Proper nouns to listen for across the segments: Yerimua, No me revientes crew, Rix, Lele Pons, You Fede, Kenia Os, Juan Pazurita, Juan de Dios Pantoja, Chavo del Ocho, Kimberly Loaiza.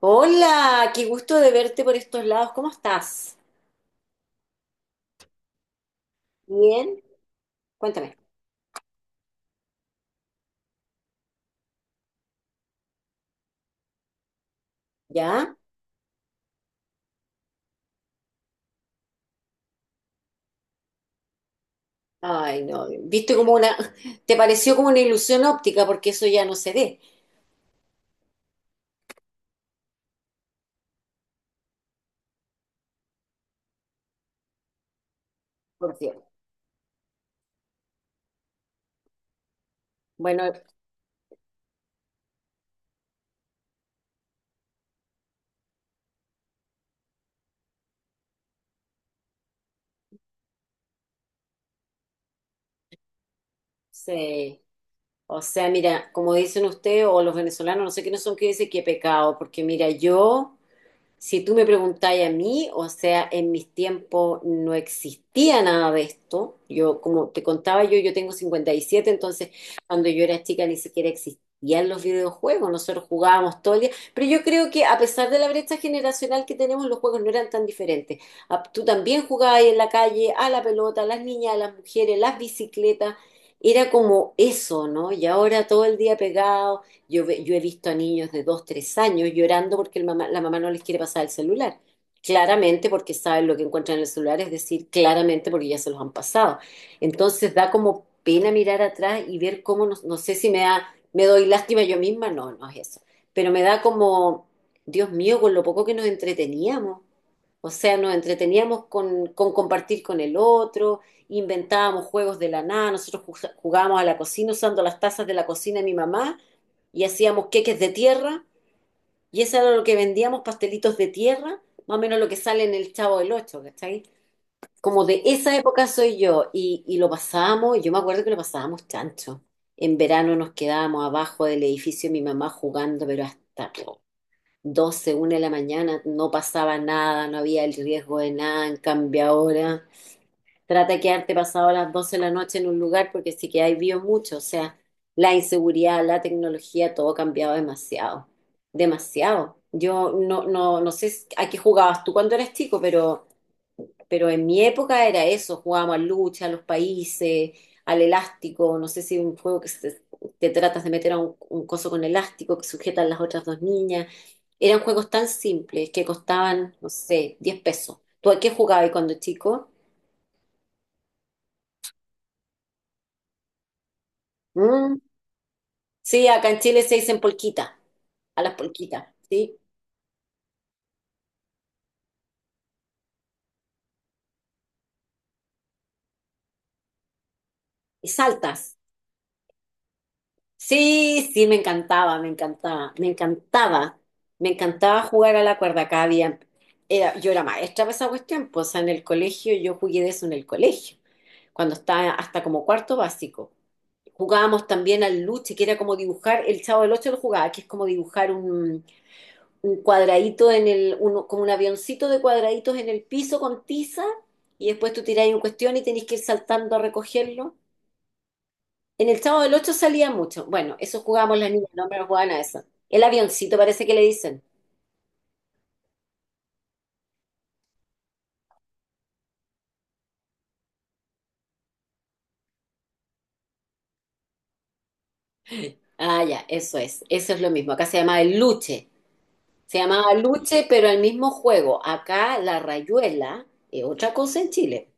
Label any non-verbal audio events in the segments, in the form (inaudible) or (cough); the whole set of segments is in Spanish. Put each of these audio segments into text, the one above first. Hola, qué gusto de verte por estos lados. ¿Cómo estás? Bien, cuéntame. ¿Ya? Ay, no, viste como una, (laughs) te pareció como una ilusión óptica porque eso ya no se ve, por Dios. Bueno, sí. O sea, mira, como dicen ustedes o los venezolanos, no sé quiénes son que dicen qué pecado, porque mira, yo Si tú me preguntáis a mí, o sea, en mis tiempos no existía nada de esto. Yo, como te contaba yo, tengo 57, entonces cuando yo era chica ni siquiera existían los videojuegos, nosotros jugábamos todo el día. Pero yo creo que a pesar de la brecha generacional que tenemos, los juegos no eran tan diferentes. Ah, tú también jugabas en la calle, a la pelota, las niñas, a las mujeres, las bicicletas. Era como eso, ¿no? Y ahora todo el día pegado. Yo he visto a niños de dos, tres años llorando porque la mamá no les quiere pasar el celular. Claramente porque saben lo que encuentran en el celular, es decir, claramente porque ya se los han pasado. Entonces da como pena mirar atrás y ver cómo, no, no sé si me da, me doy lástima yo misma, no, no es eso. Pero me da como, Dios mío, con lo poco que nos entreteníamos. O sea, nos entreteníamos con compartir con el otro, inventábamos juegos de la nada, nosotros jugábamos a la cocina usando las tazas de la cocina de mi mamá y hacíamos queques de tierra y eso era lo que vendíamos, pastelitos de tierra, más o menos lo que sale en el Chavo del Ocho, ¿cachai? Como de esa época soy yo y lo pasábamos, yo me acuerdo que lo pasábamos chancho. En verano nos quedábamos abajo del edificio de mi mamá jugando, pero hasta po, doce una de la mañana no pasaba nada, no había el riesgo de nada, en cambio ahora trata de quedarte pasado las 12 de la noche en un lugar porque sí que hay vio mucho. O sea, la inseguridad, la tecnología, todo ha cambiado demasiado. Demasiado. Yo no, no, no sé a qué jugabas tú cuando eras chico, pero en mi época era eso. Jugábamos a lucha, a los países, al elástico. No sé si un juego te tratas de meter a un coso con elástico que sujetan las otras dos niñas. Eran juegos tan simples que costaban, no sé, 10 pesos. ¿Tú a qué jugabas cuando chico? Mm, sí, acá en Chile se dicen polquita, a las polquitas, ¿sí? Y saltas. Sí, sí, me encantaba, me encantaba, me encantaba, me encantaba jugar a la cuerda. Cada día era, yo era maestra para esa cuestión, pues, o sea, en el colegio, yo jugué de eso en el colegio, cuando estaba hasta como cuarto básico. Jugábamos también al luche, que era como dibujar, el Chavo del Ocho lo jugaba, que es como dibujar un, un cuadradito como un avioncito de cuadraditos en el piso con tiza y después tú tiráis un cuestión y tenéis que ir saltando a recogerlo. En el Chavo del Ocho salía mucho. Bueno, eso jugábamos las niñas, no me lo jugaban a eso. El avioncito parece que le dicen. Ah, ya, eso es lo mismo. Acá se llamaba el luche. Se llamaba luche, pero el mismo juego. Acá la rayuela, es otra cosa en Chile.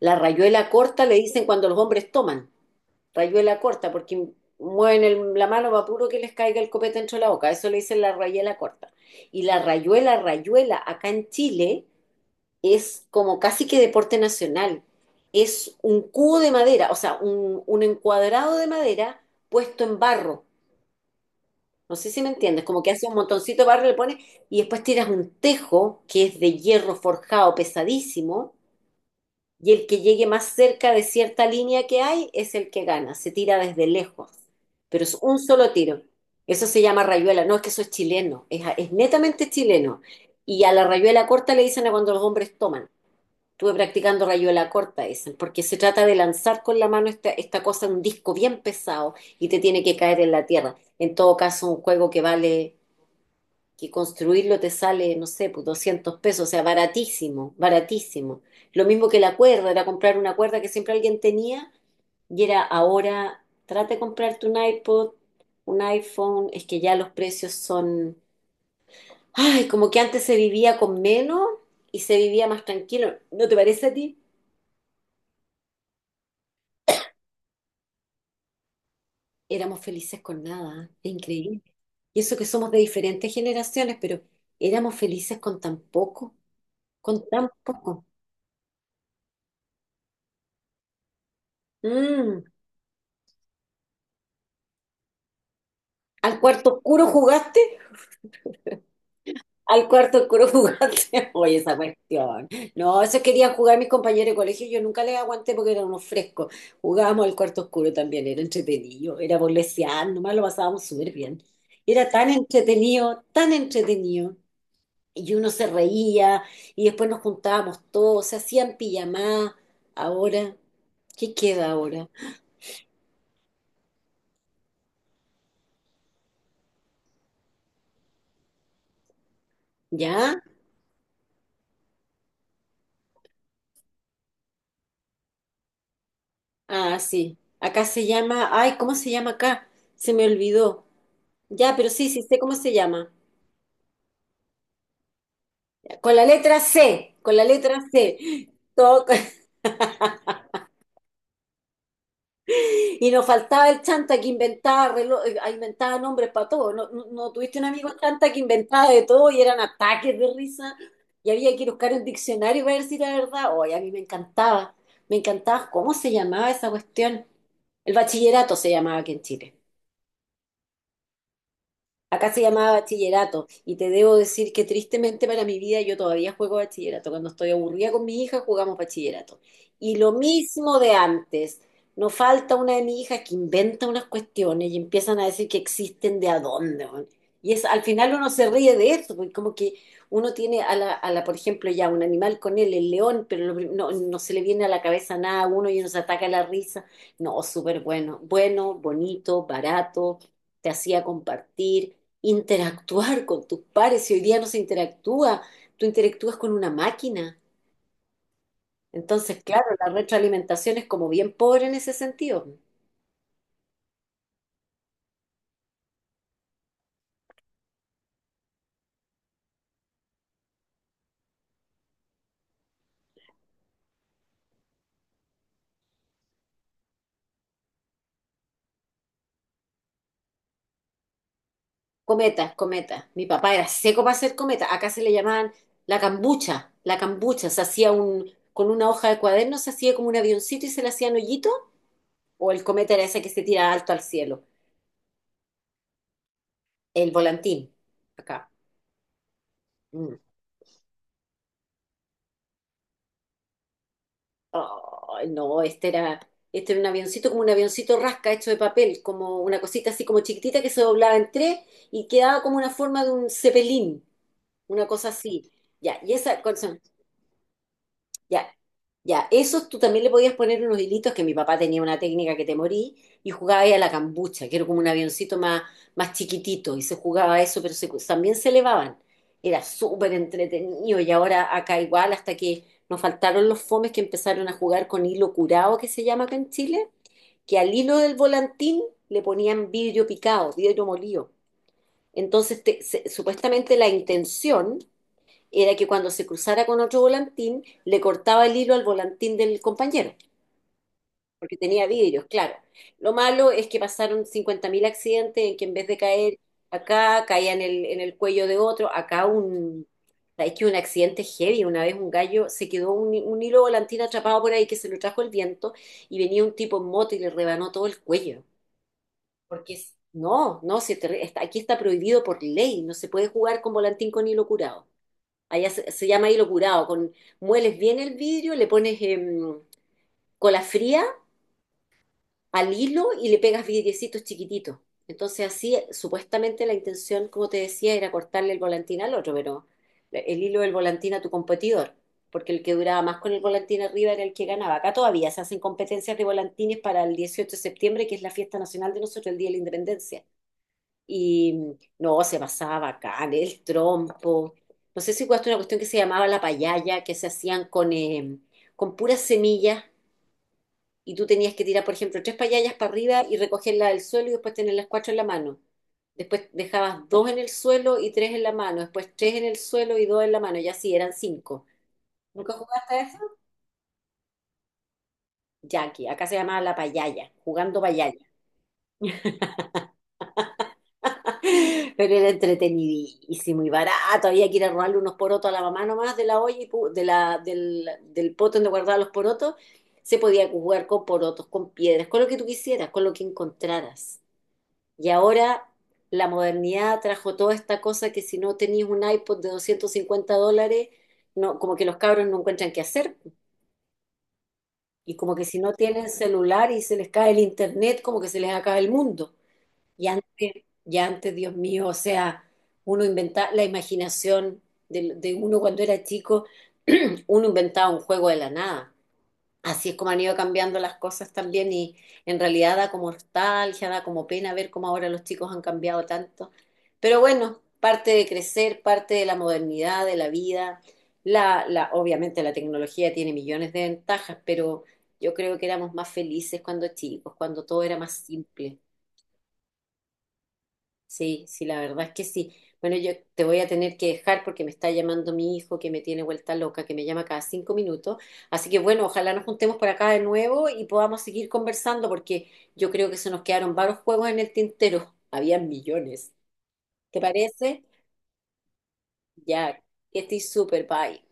La rayuela corta le dicen cuando los hombres toman. Rayuela corta, porque mueven la mano va puro que les caiga el copete dentro de la boca. Eso le dicen la rayuela corta. Y la rayuela, rayuela, acá en Chile es como casi que deporte nacional. Es un cubo de madera, o sea, un encuadrado de madera puesto en barro. No sé si me entiendes, como que hace un montoncito de barro, le pones y después tiras un tejo que es de hierro forjado pesadísimo y el que llegue más cerca de cierta línea que hay es el que gana. Se tira desde lejos. Pero es un solo tiro. Eso se llama rayuela. No es que eso es chileno. Es netamente chileno. Y a la rayuela corta le dicen a cuando los hombres toman. Estuve practicando rayuela corta, dicen, porque se trata de lanzar con la mano esta, esta cosa, un disco bien pesado, y te tiene que caer en la tierra. En todo caso, un juego que vale que construirlo te sale, no sé, pues 200 pesos, o sea, baratísimo, baratísimo. Lo mismo que la cuerda, era comprar una cuerda que siempre alguien tenía y era ahora, trata de comprarte un iPod, un iPhone, es que ya los precios son, ay, como que antes se vivía con menos y se vivía más tranquilo. ¿No te parece a ti? Éramos felices con nada, ¿eh? Es increíble. Y eso que somos de diferentes generaciones, pero éramos felices con tan poco, con tan poco. Mm. ¿Al cuarto oscuro jugaste? Al cuarto oscuro jugaste. (laughs) Oye, esa cuestión. No, eso querían jugar mis compañeros de colegio. Yo nunca les aguanté porque eran unos frescos. Jugábamos al cuarto oscuro también. Era entretenido. Era burlesear. Nomás lo pasábamos súper bien. Era tan entretenido, tan entretenido. Y uno se reía. Y después nos juntábamos todos. Se hacían pijamadas. Ahora, ¿qué queda ahora? ¿Ya? Ah, sí. Acá se llama. Ay, ¿cómo se llama acá? Se me olvidó. Ya, pero sí, sí sé cómo se llama. Con la letra C, con la letra C. Todo- (laughs) y nos faltaba el chanta que inventaba, inventaba nombres para todo. ¿No, no, no tuviste un amigo chanta que inventaba de todo y eran ataques de risa? Y había que ir a buscar un diccionario para ver si era verdad. Oye, a mí me encantaba. Me encantaba. ¿Cómo se llamaba esa cuestión? El bachillerato se llamaba aquí en Chile. Acá se llamaba bachillerato y te debo decir que tristemente para mi vida yo todavía juego bachillerato. Cuando estoy aburrida con mi hija jugamos bachillerato. Y lo mismo de antes. No falta una de mis hijas que inventa unas cuestiones y empiezan a decir que existen de a dónde weón. Y al final uno se ríe de eso porque como que uno tiene a la, por ejemplo, ya un animal con él, el león, pero no, no se le viene a la cabeza nada a uno y uno se ataca la risa. No, súper bueno. Bueno, bonito, barato, te hacía compartir interactuar con tus pares. Si hoy día no se interactúa, tú interactúas con una máquina. Entonces, claro, la retroalimentación es como bien pobre en ese sentido. Cometas, cometas. Mi papá era seco para hacer cometas. Acá se le llamaban la cambucha. La cambucha se hacía un, con una hoja de cuaderno, se hacía como un avioncito y se le hacían hoyito. O el cometa era ese que se tira alto al cielo. El volantín, acá. Mm. Ay, no, este era un avioncito como un avioncito rasca hecho de papel, como una cosita así como chiquitita que se doblaba en tres y quedaba como una forma de un cepelín, una cosa así. Ya, y esa, ya, ya. Esos tú también le podías poner unos hilitos, que mi papá tenía una técnica que te morí, y jugaba ahí a la cambucha, que era como un avioncito más, más chiquitito, y se jugaba a eso, pero también se elevaban. Era súper entretenido, y ahora acá igual, hasta que nos faltaron los fomes que empezaron a jugar con hilo curado, que se llama acá en Chile, que al hilo del volantín le ponían vidrio picado, vidrio molido. Entonces, supuestamente la intención era que cuando se cruzara con otro volantín, le cortaba el hilo al volantín del compañero, porque tenía vidrios, claro. Lo malo es que pasaron 50.000 accidentes en que en vez de caer acá, caía en el cuello de otro, acá un... Es que un accidente heavy, una vez un gallo se quedó un hilo volantín atrapado por ahí que se lo trajo el viento y venía un tipo en moto y le rebanó todo el cuello. Porque no, no, si te- está- aquí está prohibido por ley, no se puede jugar con volantín con hilo curado. Allá se llama hilo curado. Con, mueles bien el vidrio, le pones cola fría al hilo y le pegas vidriecitos chiquititos. Entonces así, supuestamente la intención, como te decía, era cortarle el volantín al otro, pero el hilo del volantín a tu competidor, porque el que duraba más con el volantín arriba era el que ganaba. Acá todavía se hacen competencias de volantines para el 18 de septiembre, que es la fiesta nacional de nosotros, el Día de la Independencia. Y no, se pasaba bacán, el trompo. No sé si jugaste una cuestión que se llamaba la payaya, que se hacían con puras semillas y tú tenías que tirar, por ejemplo, tres payayas para arriba y recogerlas del suelo y después tener las cuatro en la mano. Después dejabas dos en el suelo y tres en la mano, después tres en el suelo y dos en la mano, ya así eran cinco. ¿Nunca jugaste a eso? Jackie, acá se llamaba la payaya, jugando payaya. Pero era entretenidísimo y barato. Había que ir a robarle unos porotos a la mamá nomás de la olla y de la, del poto donde guardaba los porotos. Se podía jugar con porotos, con piedras, con lo que tú quisieras, con lo que encontraras. Y ahora la modernidad trajo toda esta cosa que si no tenías un iPod de $250, no, como que los cabros no encuentran qué hacer. Y como que si no tienen celular y se les cae el internet, como que se les acaba el mundo. Y antes, ya antes, Dios mío, o sea, uno inventaba la imaginación de uno cuando era chico, (clears throat) uno inventaba un juego de la nada. Así es como han ido cambiando las cosas también y en realidad da como nostalgia, da como pena ver cómo ahora los chicos han cambiado tanto. Pero bueno, parte de crecer, parte de la modernidad, de la vida. Obviamente la tecnología tiene millones de ventajas, pero yo creo que éramos más felices cuando chicos, cuando todo era más simple. Sí, sí, la verdad es que sí. Bueno, yo te voy a tener que dejar porque me está llamando mi hijo que me tiene vuelta loca, que me llama cada 5 minutos. Así que bueno, ojalá nos juntemos por acá de nuevo y podamos seguir conversando porque yo creo que se nos quedaron varios juegos en el tintero. Habían millones. ¿Te parece? Ya, que estoy súper, bye.